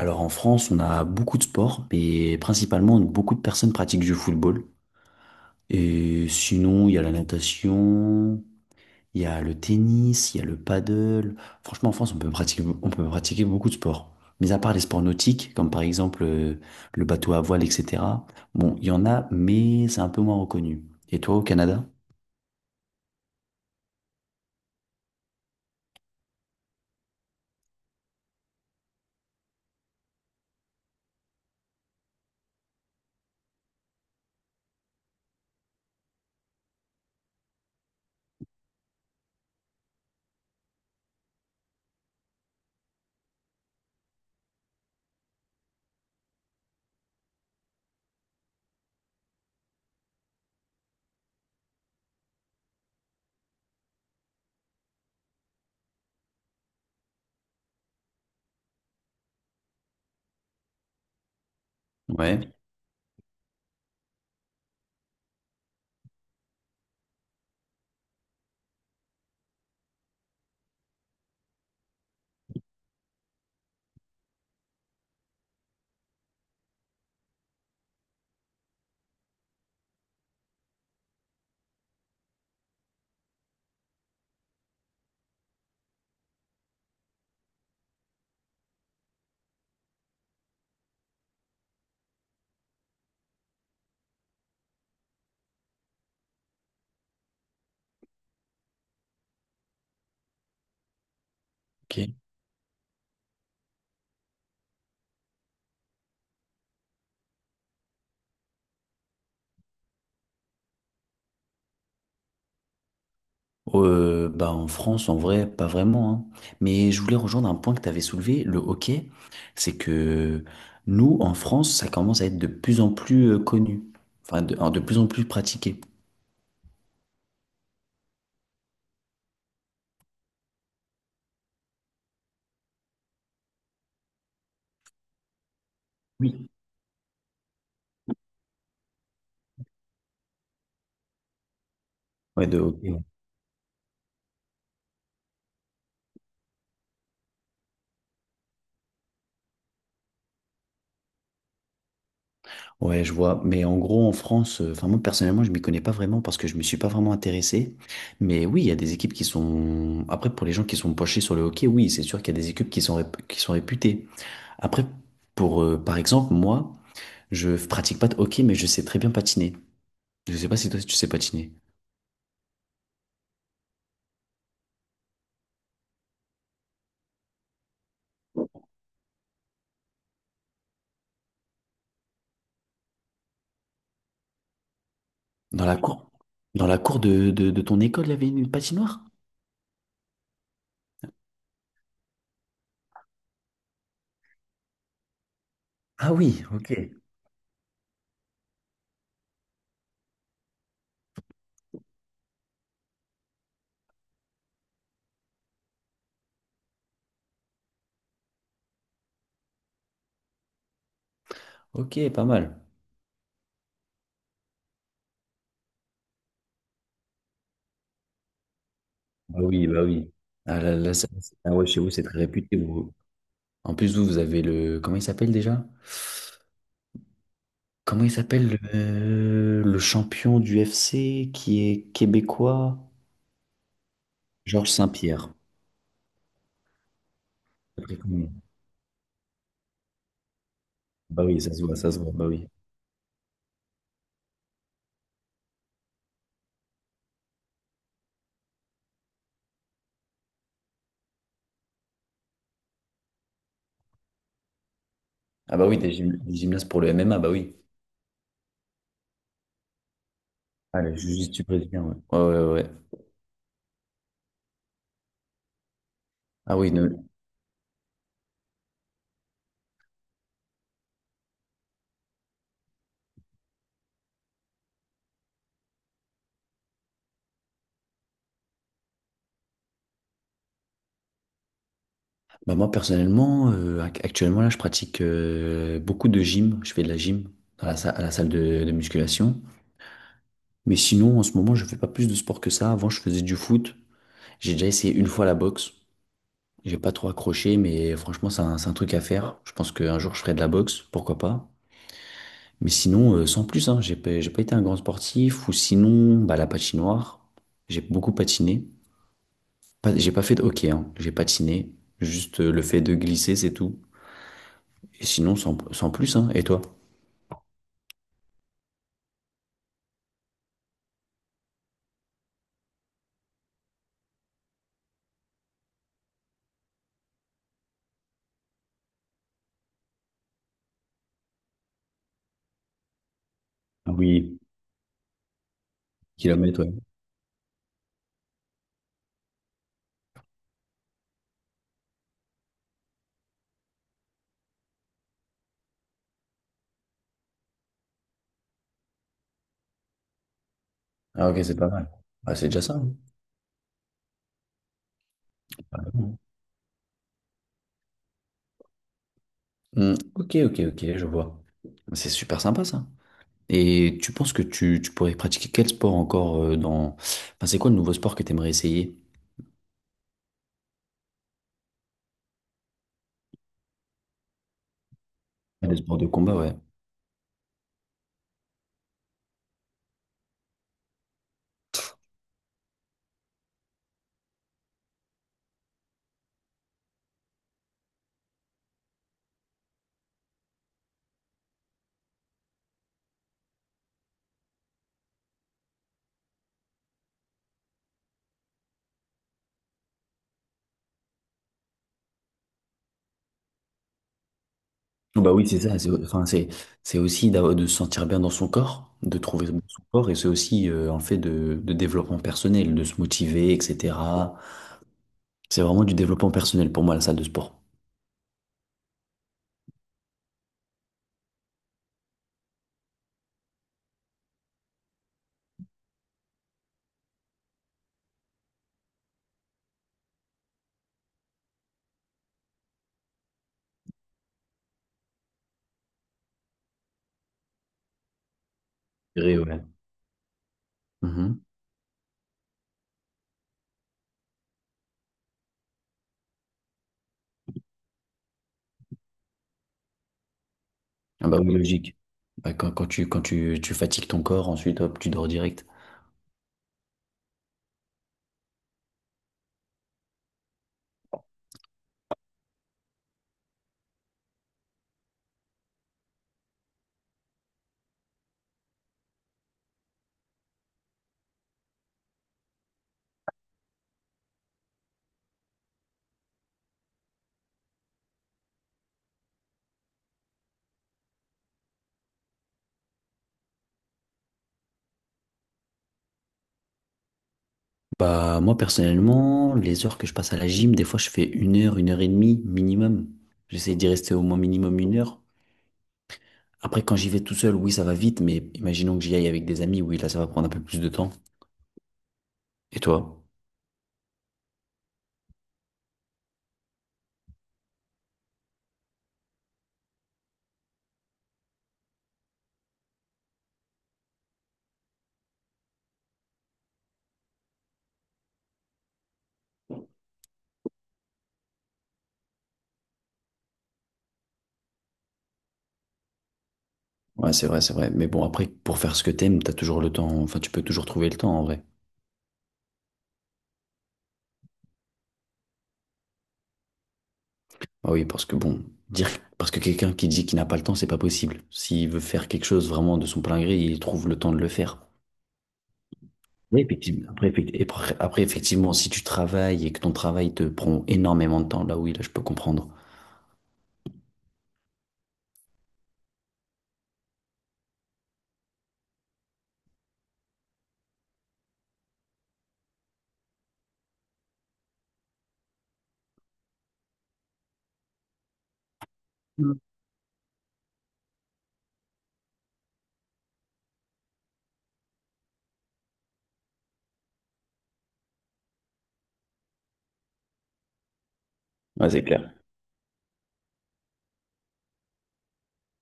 Alors en France, on a beaucoup de sports, mais principalement beaucoup de personnes pratiquent du football. Et sinon, il y a la natation, il y a le tennis, il y a le paddle. Franchement, en France, on peut pratiquer beaucoup de sports. Mais à part les sports nautiques, comme par exemple le bateau à voile, etc. Bon, il y en a, mais c'est un peu moins reconnu. Et toi, au Canada? Ouais. Ok. Bah en France, en vrai, pas vraiment, hein. Mais je voulais rejoindre un point que tu avais soulevé, le hockey. C'est que nous, en France, ça commence à être de plus en plus connu. Enfin, de plus en plus pratiqué. Oui. Ouais, de hockey. Ouais. Ouais, je vois. Mais en gros, en France, enfin, moi, personnellement, je m'y connais pas vraiment parce que je me suis pas vraiment intéressé. Mais oui, il y a des équipes qui sont. Après, pour les gens qui sont penchés sur le hockey, oui, c'est sûr qu'il y a des équipes qui sont, qui sont réputées. Après, pour, par exemple, moi. Je pratique pas de hockey, mais je sais très bien patiner. Je sais pas si toi tu sais patiner. Dans la cour, dans la cour de, de ton école, il y avait une patinoire? Ah oui, ok. Ok, pas mal. Bah oui, bah oui. Ah, là, là, ça- Ah ouais, chez vous, c'est très réputé, vous. En plus, vous, vous avez le... Comment il s'appelle déjà? Comment il s'appelle le champion du FC qui est québécois? Georges Saint-Pierre. Très connu. Bah oui, ça se voit, bah oui. Ah bah oui, des, des gymnastes pour le MMA, bah oui. Ah, le jiu-jitsu brésilien, ouais. Ouais, ouais, ouais. Ah oui, ne- Bah moi personnellement, actuellement là, je pratique beaucoup de gym. Je fais de la gym dans la à la salle de musculation. Mais sinon, en ce moment, je fais pas plus de sport que ça. Avant, je faisais du foot. J'ai déjà essayé une fois la boxe. J'ai pas trop accroché, mais franchement, c'est un truc à faire. Je pense qu'un jour, je ferai de la boxe, pourquoi pas. Mais sinon, sans plus, hein, j'ai pas été un grand sportif. Ou sinon, bah, la patinoire. J'ai beaucoup patiné. Pas- j'ai pas fait de hockey, hein. J'ai patiné. Juste le fait de glisser, c'est tout. Et sinon, sans plus, hein. Et toi? Ah oui, kilomètres, ouais. Ah, ok, c'est pas mal. Ah, c'est déjà ça, hein. Ah, bon. Hmm, ok, ok, ok, je vois. C'est super sympa, ça. Et tu penses que tu pourrais pratiquer quel sport encore dans... Enfin, c'est quoi le nouveau sport que tu aimerais essayer? Ah, le sport de combat, ouais. Oh, bah oui, c'est ça. C'est, enfin, c'est aussi d'avoir- de se sentir bien dans son corps, de trouver son corps, et c'est aussi un fait de développement personnel, de se motiver, etc. C'est vraiment du développement personnel pour moi, la salle de sport. Je dirais. Ouais. Ah bah oui, logique. Bah, quand, quand tu fatigues ton corps, ensuite, hop, tu dors direct. Bah, moi, personnellement, les heures que je passe à la gym, des fois, je fais une heure et demie minimum. J'essaie d'y rester au moins minimum une heure. Après, quand j'y vais tout seul, oui, ça va vite, mais imaginons que j'y aille avec des amis, oui, là, ça va prendre un peu plus de temps. Et toi? Ouais, c'est vrai, c'est vrai. Mais bon, après, pour faire ce que t'aimes, t'as toujours le temps. Enfin, tu peux toujours trouver le temps, en vrai. Ah oui, parce que bon, dire, parce que quelqu'un qui dit qu'il n'a pas le temps, c'est pas possible. S'il veut faire quelque chose vraiment de son plein gré, il trouve le temps de le faire. Oui, effectivement. Après, après, effectivement, si tu travailles et que ton travail te prend énormément de temps, là oui, là je peux comprendre. Mm. Ouais, c'est clair.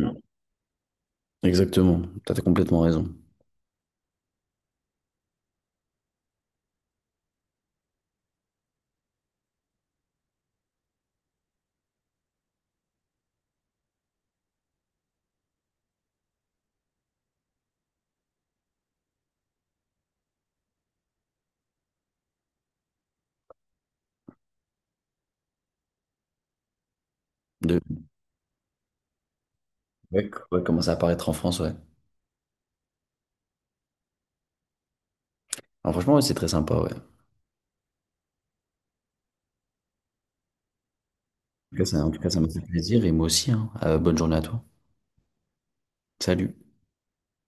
Mm. Exactement. T'as complètement raison. De ouais, ouais, commencer à apparaître en France, ouais. Alors, franchement, ouais, c'est très sympa, ouais. En tout cas, ça, en tout cas, ça m'a fait plaisir et moi aussi, hein. Bonne journée à toi. Salut.